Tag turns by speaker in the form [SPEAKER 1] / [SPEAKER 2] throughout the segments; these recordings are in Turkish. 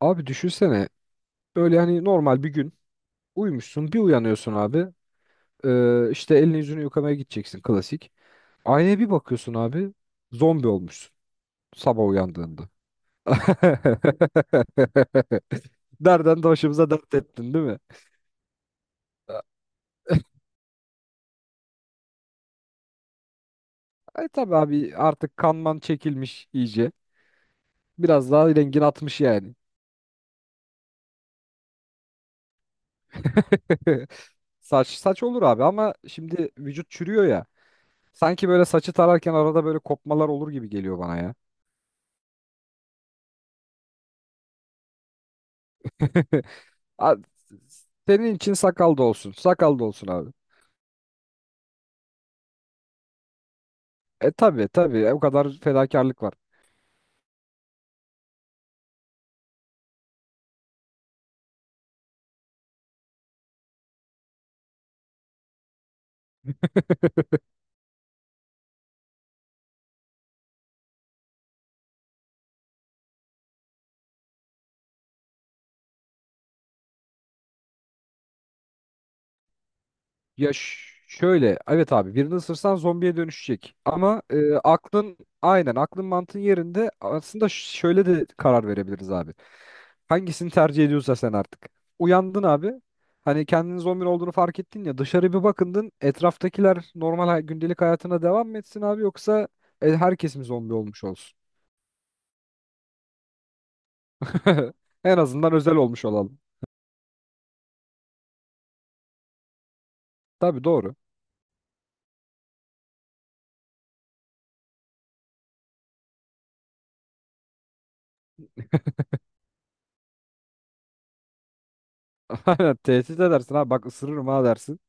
[SPEAKER 1] Abi düşünsene böyle hani normal bir gün uyumuşsun bir uyanıyorsun abi. İşte elini yüzünü yıkamaya gideceksin klasik. Aynaya bir bakıyorsun abi, zombi olmuşsun sabah uyandığında. Nereden de başımıza dert ettin değil mi? E tabi abi artık kanman çekilmiş iyice. Biraz daha rengin atmış yani. Saç saç olur abi, ama şimdi vücut çürüyor ya. Sanki böyle saçı tararken arada böyle kopmalar olur gibi geliyor bana ya. Abi, senin için sakal da olsun. Sakal da olsun abi. E tabii tabii o kadar fedakarlık var. Ya ş- Şöyle evet abi, birini ısırsan zombiye dönüşecek. Ama aklın aynen aklın mantığın yerinde aslında. Şöyle de karar verebiliriz abi. Hangisini tercih ediyorsa sen artık. Uyandın abi. Hani kendinin zombi olduğunu fark ettin ya, dışarı bir bakındın, etraftakiler normal gündelik hayatına devam mı etsin abi, yoksa herkes mi zombi olmuş olsun? En azından özel olmuş olalım. Tabii, doğru. Aynen, tehdit edersin, ha bak ısırırım ha dersin.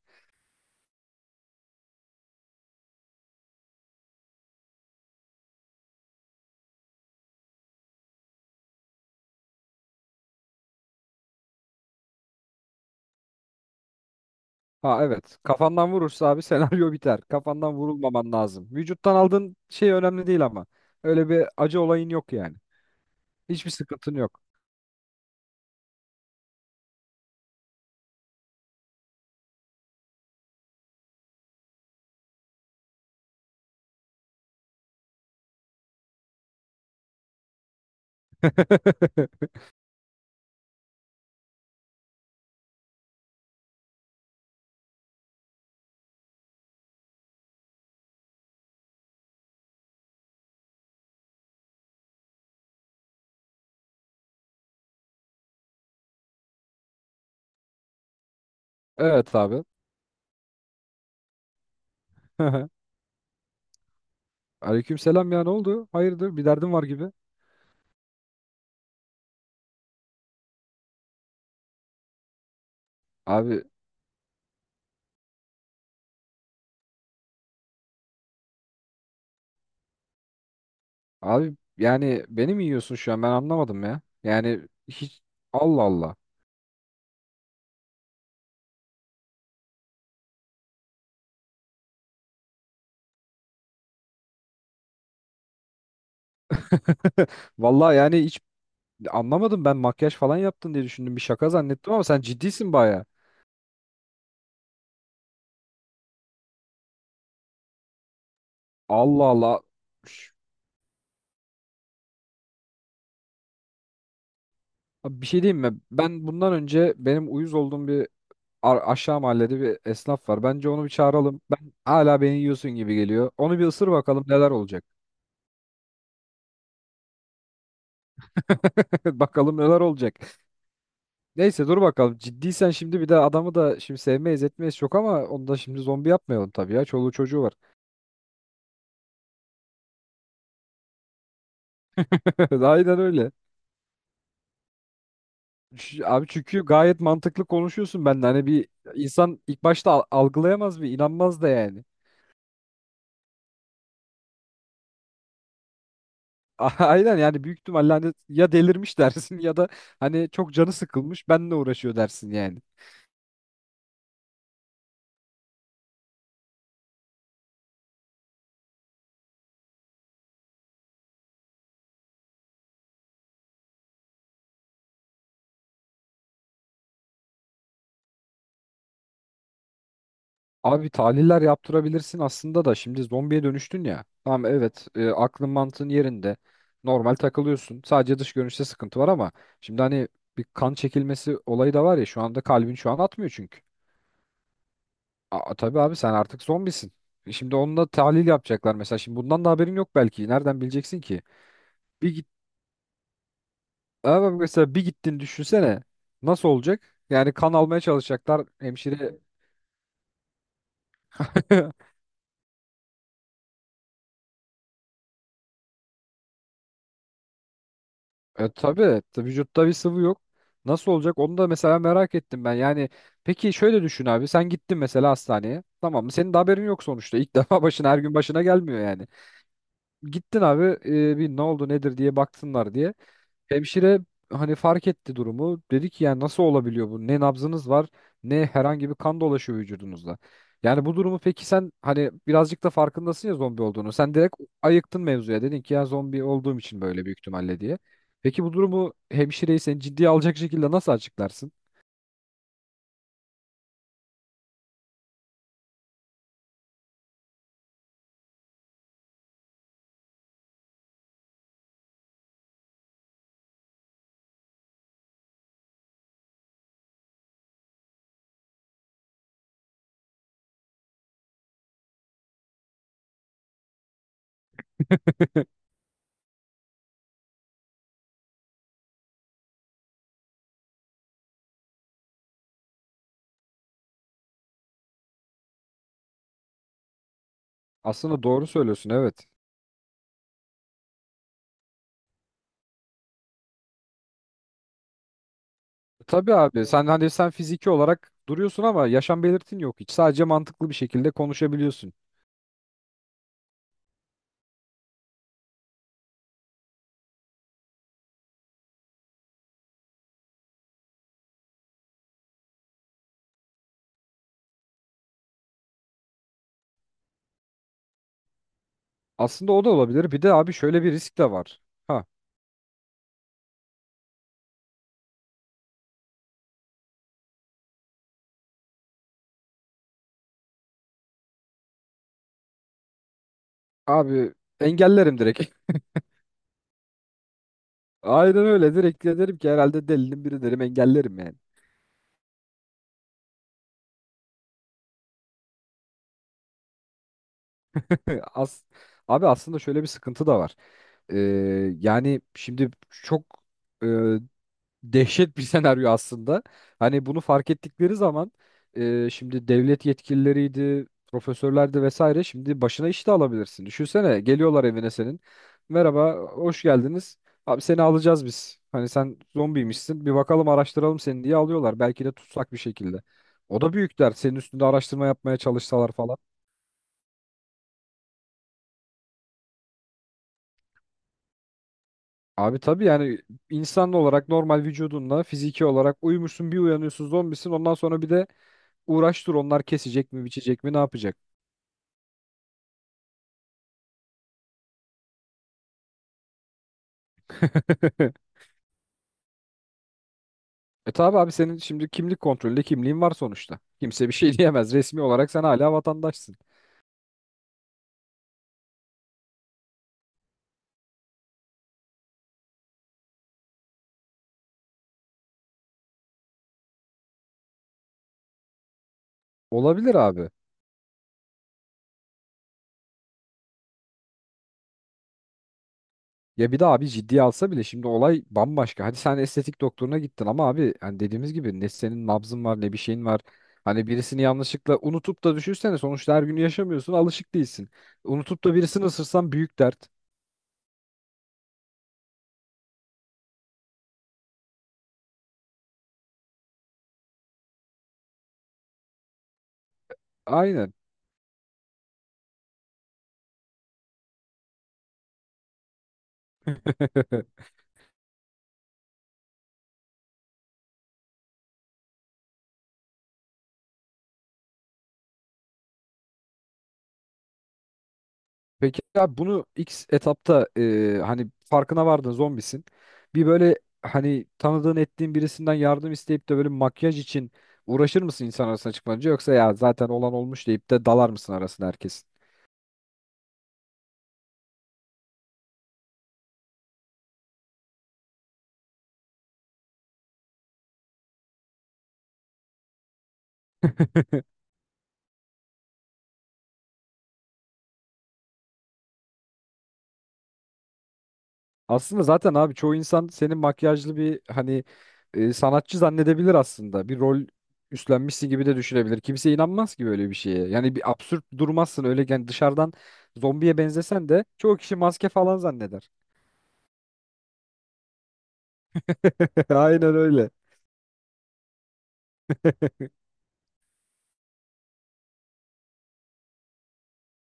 [SPEAKER 1] Ha evet, kafandan vurursa abi senaryo biter. Kafandan vurulmaman lazım. Vücuttan aldığın şey önemli değil ama. Öyle bir acı olayın yok yani. Hiçbir sıkıntın yok. Evet abi. Aleyküm selam, ya ne oldu? Hayırdır, bir derdin var gibi. Abi abi yani beni mi yiyorsun şu an, ben anlamadım ya. Yani hiç Allah Allah. Vallahi yani hiç anlamadım, ben makyaj falan yaptın diye düşündüm, bir şaka zannettim ama sen ciddisin baya. Allah Allah. Üş. Abi bir şey diyeyim mi? Ben bundan önce benim uyuz olduğum bir aşağı mahallede bir esnaf var. Bence onu bir çağıralım. Ben hala beni yiyorsun gibi geliyor. Onu bir ısır bakalım neler olacak. Bakalım neler olacak. Neyse dur bakalım. Ciddiysen şimdi, bir de adamı da şimdi sevmeyiz etmeyiz çok ama onu da şimdi zombi yapmayalım tabii ya. Çoluğu çocuğu var. Aynen öyle. Ş- Abi, çünkü gayet mantıklı konuşuyorsun benden. Hani bir insan ilk başta algılayamaz, bir inanmaz da yani. A- Aynen, yani büyük ihtimalle hani ya delirmiş dersin ya da hani çok canı sıkılmış benle uğraşıyor dersin yani. Abi tahliller yaptırabilirsin aslında da şimdi zombiye dönüştün ya. Tamam evet, aklın mantığın yerinde. Normal takılıyorsun. Sadece dış görünüşte sıkıntı var ama şimdi hani bir kan çekilmesi olayı da var ya, şu anda kalbin şu an atmıyor çünkü. Aa, tabii abi, sen artık zombisin. E şimdi onunla tahlil yapacaklar mesela. Şimdi bundan da haberin yok belki. Nereden bileceksin ki? Bir git Ama mesela bir gittin düşünsene. Nasıl olacak? Yani kan almaya çalışacaklar hemşire. E tabii, tabii vücutta bir sıvı yok. Nasıl olacak? Onu da mesela merak ettim ben. Yani peki şöyle düşün abi. Sen gittin mesela hastaneye. Tamam mı? Senin de haberin yok sonuçta. İlk defa, başına her gün başına gelmiyor yani. Gittin abi bir ne oldu nedir diye baksınlar diye. Hemşire hani fark etti durumu. Dedi ki yani nasıl olabiliyor bu? Ne nabzınız var ne herhangi bir kan dolaşıyor vücudunuzda. Yani bu durumu peki sen hani birazcık da farkındasın ya zombi olduğunu. Sen direkt ayıktın mevzuya. Dedin ki ya zombi olduğum için böyle büyük ihtimalle diye. Peki bu durumu, hemşireyi sen ciddiye alacak şekilde nasıl açıklarsın? Aslında doğru söylüyorsun, evet. Tabii abi, sen hani sen fiziki olarak duruyorsun ama yaşam belirtin yok hiç. Sadece mantıklı bir şekilde konuşabiliyorsun. Aslında o da olabilir. Bir de abi şöyle bir risk de var. Ha. Abi engellerim direkt. Aynen öyle, direkt de derim ki herhalde delinin biri derim, engellerim yani. As abi aslında şöyle bir sıkıntı da var. Ee, Yani şimdi çok e, dehşet bir senaryo aslında. Hani bunu fark ettikleri zaman şimdi devlet yetkilileriydi, profesörlerdi vesaire, şimdi başına iş de alabilirsin. Düşünsene, geliyorlar evine senin. Merhaba, hoş geldiniz. Abi seni alacağız biz. Hani sen zombiymişsin. Bir bakalım, araştıralım seni diye alıyorlar. Belki de tutsak bir şekilde. O da büyük dert. Senin üstünde araştırma yapmaya çalışsalar falan. Abi tabii yani, insan olarak normal vücudunla fiziki olarak uyumuşsun, bir uyanıyorsun zombisin. Ondan sonra bir de uğraş dur, onlar kesecek mi biçecek mi ne yapacak? E tabi abi senin şimdi kimlik kontrolünde kimliğin var sonuçta. Kimse bir şey diyemez. Resmi olarak sen hala vatandaşsın. Olabilir abi. Ya bir de abi ciddiye alsa bile şimdi olay bambaşka. Hadi sen estetik doktoruna gittin ama abi hani dediğimiz gibi ne senin nabzın var ne bir şeyin var. Hani birisini yanlışlıkla unutup da düşünsene, sonuçta her gün yaşamıyorsun, alışık değilsin. Unutup da birisini ısırsan büyük dert. Aynen. Peki abi bunu ilk etapta hani farkına vardın zombisin. Bir böyle hani tanıdığın ettiğin birisinden yardım isteyip de böyle makyaj için uğraşır mısın insan arasına çıkmanınca, yoksa ya zaten olan olmuş deyip de dalar mısın arasına herkesin? Aslında zaten abi çoğu insan senin makyajlı bir hani sanatçı zannedebilir aslında. Bir rol üstlenmişsin gibi de düşünebilir. Kimse inanmaz ki böyle bir şeye. Yani bir absürt durmazsın öyle yani, dışarıdan zombiye benzesen de çoğu kişi maske falan zanneder. Aynen öyle.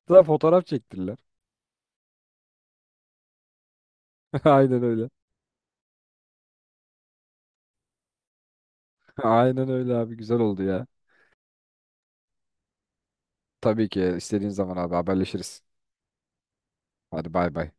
[SPEAKER 1] Daha fotoğraf çektirdiler. Aynen öyle. Aynen öyle abi, güzel oldu ya. Tabii ki, istediğin zaman abi haberleşiriz. Hadi bay bay.